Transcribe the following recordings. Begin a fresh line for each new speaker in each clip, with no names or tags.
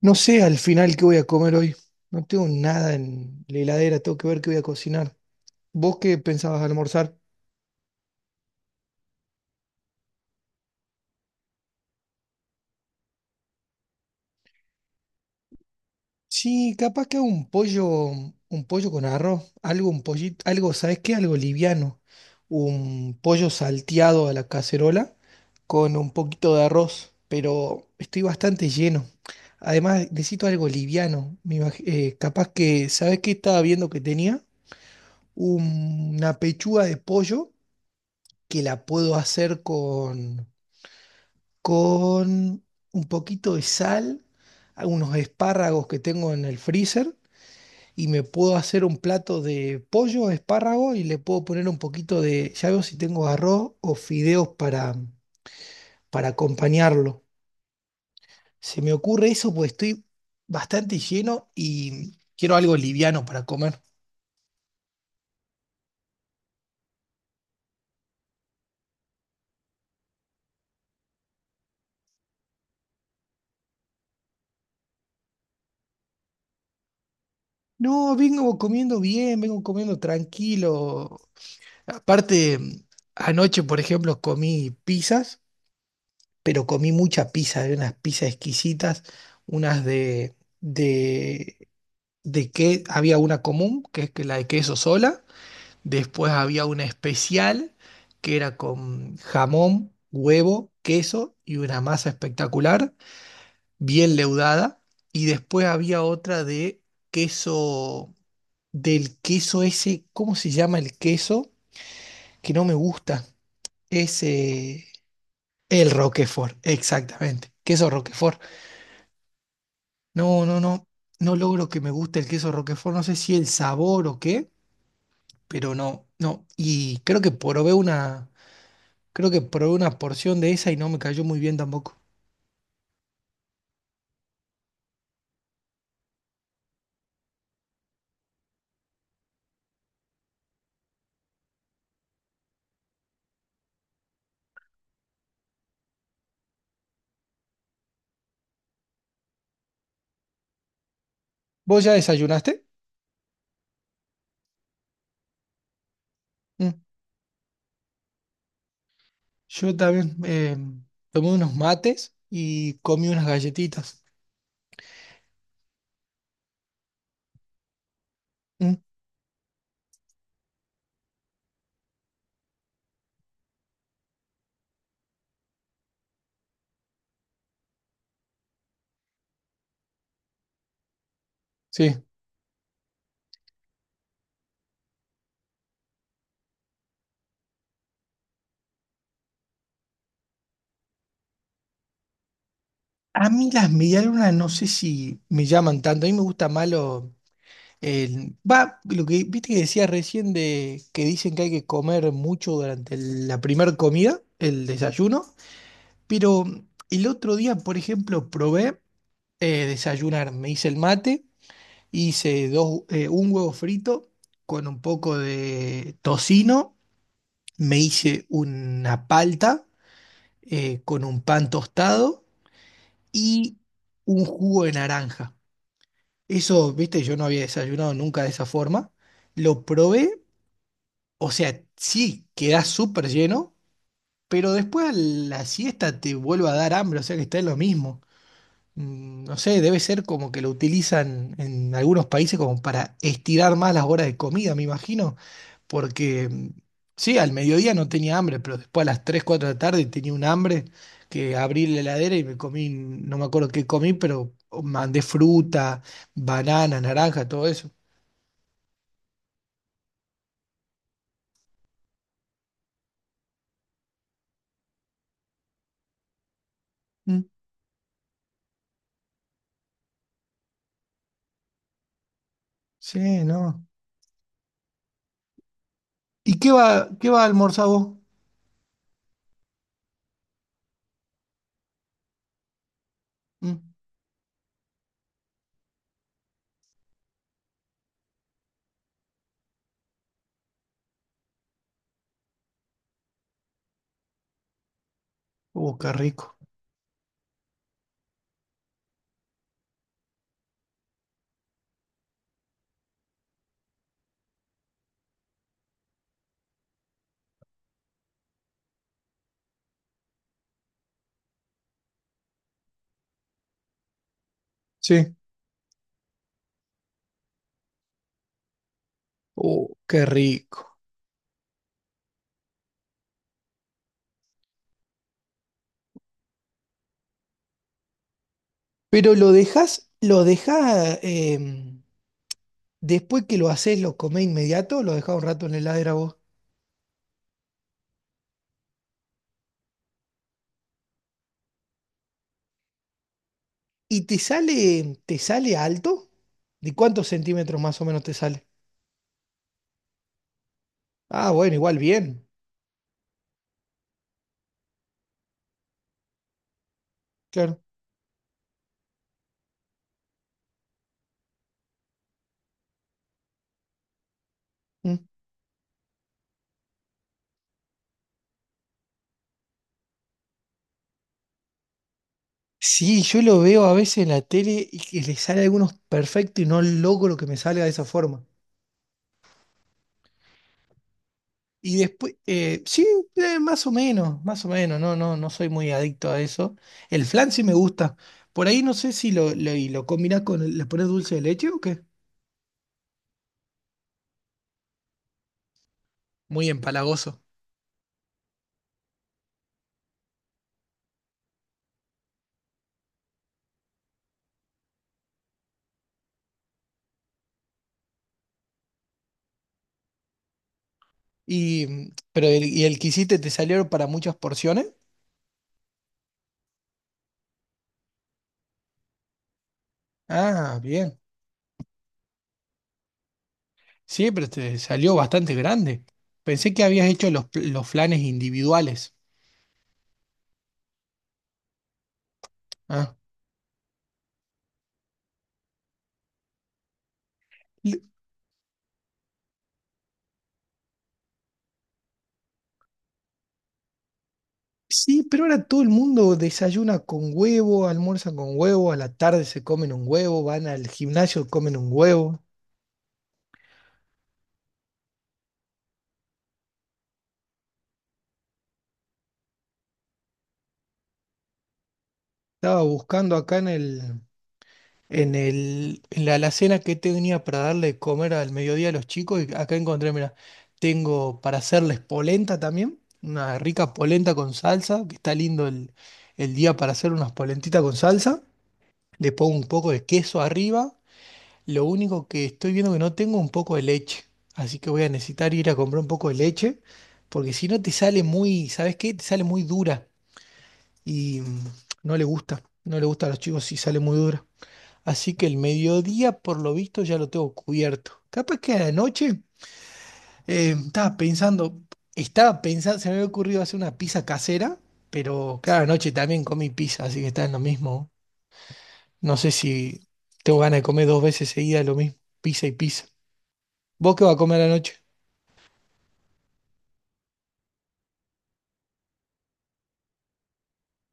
No sé al final qué voy a comer hoy. No tengo nada en la heladera, tengo que ver qué voy a cocinar. ¿Vos qué pensabas almorzar? Sí, capaz que hago un pollo con arroz, algo, un pollito, algo, ¿sabes qué? Algo liviano. Un pollo salteado a la cacerola con un poquito de arroz, pero estoy bastante lleno. Además, necesito algo liviano. Capaz que, ¿sabes qué estaba viendo que tenía? Una pechuga de pollo que la puedo hacer con un poquito de sal, unos espárragos que tengo en el freezer, y me puedo hacer un plato de pollo, espárrago, y le puedo poner un poquito de, ya veo si tengo arroz o fideos para acompañarlo. Se me ocurre eso, pues estoy bastante lleno y quiero algo liviano para comer. No, vengo comiendo bien, vengo comiendo tranquilo. Aparte, anoche, por ejemplo, comí pizzas pero comí mucha pizza, había unas pizzas exquisitas, unas de, de que había una común, que es que la de queso sola, después había una especial, que era con jamón, huevo, queso y una masa espectacular, bien leudada, y después había otra de queso, del queso ese, ¿cómo se llama el queso? Que no me gusta, ese... El Roquefort, exactamente. Queso Roquefort. No, no, no, no logro que me guste el queso Roquefort, no sé si el sabor o qué, pero no, no. Y creo que probé una porción de esa y no me cayó muy bien tampoco. ¿Vos ya desayunaste? Mm. Yo también tomé unos mates y comí unas galletitas. Mm. Sí. A mí las medialunas no sé si me llaman tanto, a mí me gusta más lo- El, va, lo que viste que decías recién de que dicen que hay que comer mucho durante el- la primera comida, el desayuno, pero el otro día, por ejemplo, probé desayunar, me hice el mate, hice dos, un huevo frito con un poco de tocino, me hice una palta con un pan tostado y un jugo de naranja. Eso, viste, yo no había desayunado nunca de esa forma. Lo probé. O sea, sí, quedás súper lleno, pero después a la siesta te vuelve a dar hambre, o sea que está en lo mismo. Mm, no sé, debe ser como que lo utilizan en algunos países como para estirar más las horas de comida, me imagino, porque sí, al mediodía no tenía hambre, pero después a las 3, 4 de la tarde tenía un hambre que abrí la heladera y me comí, no me acuerdo qué comí, pero mandé fruta, banana, naranja, todo eso. Mm. Sí, no. ¿Y qué va a almorzar vos? Mm. Qué rico. Sí. Qué rico. Pero lo dejás, después que lo haces, lo comés inmediato, lo dejás un rato en la heladera vos. ¿Y te sale alto? ¿De cuántos centímetros más o menos te sale? Ah, bueno, igual bien. Claro. Mm. Sí, yo lo veo a veces en la tele y que le sale a algunos perfecto y no logro que me salga de esa forma. Y después, sí, más o menos, no, no, no soy muy adicto a eso. El flan sí me gusta. Por ahí no sé si y lo combinás con, el- le pones dulce de leche o qué. Muy empalagoso. Y, mm, pero el, y el que hiciste te salió para muchas porciones. Ah, bien. Sí, pero te salió bastante grande. Pensé que habías hecho los, pl- los flanes individuales. Ah. Sí, pero ahora todo el mundo desayuna con huevo, almuerza con huevo, a la tarde se comen un huevo, van al gimnasio, comen un huevo. Estaba buscando acá en el, en el, en la alacena que tenía para darle de comer al mediodía a los chicos y acá encontré, mira, tengo para hacerles polenta también, una rica polenta con salsa, que está lindo el día para hacer unas polentitas con salsa. Le pongo un poco de queso arriba. Lo único que estoy viendo que no tengo un poco de leche, así que voy a necesitar ir a comprar un poco de leche, porque si no te sale muy, ¿sabes qué? Te sale muy dura y mm, no le gusta a los chicos si sale muy dura. Así que el mediodía, por lo visto, ya lo tengo cubierto. Capaz que a la noche eh, estaba pensando, estaba pensando, se me había ocurrido hacer una pizza casera, pero cada noche también comí pizza, así que está en lo mismo. No sé si tengo ganas de comer dos veces seguidas lo mismo, pizza y pizza. ¿Vos qué vas a comer anoche?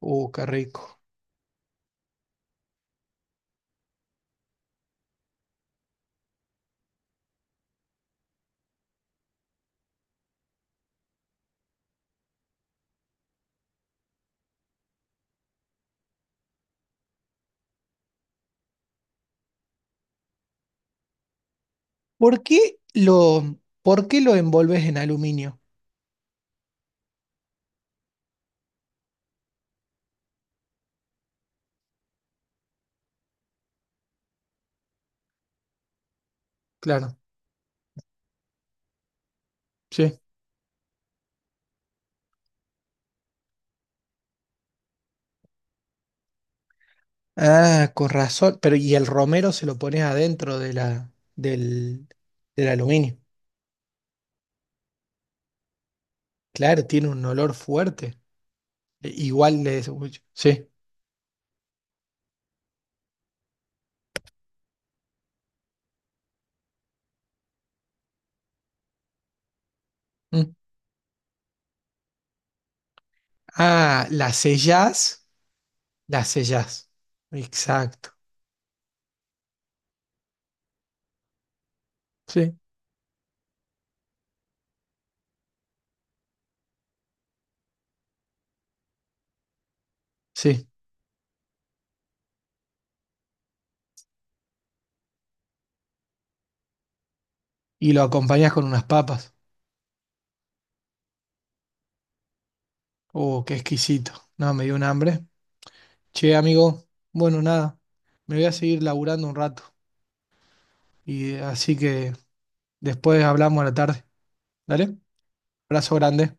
Qué rico. ¿Por qué lo, por qué lo envolves en aluminio? Claro, sí. Ah, con razón. Pero y el romero se lo pones adentro de la, del, del aluminio. Claro, tiene un olor fuerte. E- Igual de eso. Uy, sí. Mm. Ah, la sellás. Exacto. Sí. Sí. Y lo acompañás con unas papas. Oh, qué exquisito. No, me dio un hambre. Che, amigo, bueno, nada, me voy a seguir laburando un rato y así que después hablamos a la tarde. ¿Dale? Abrazo grande.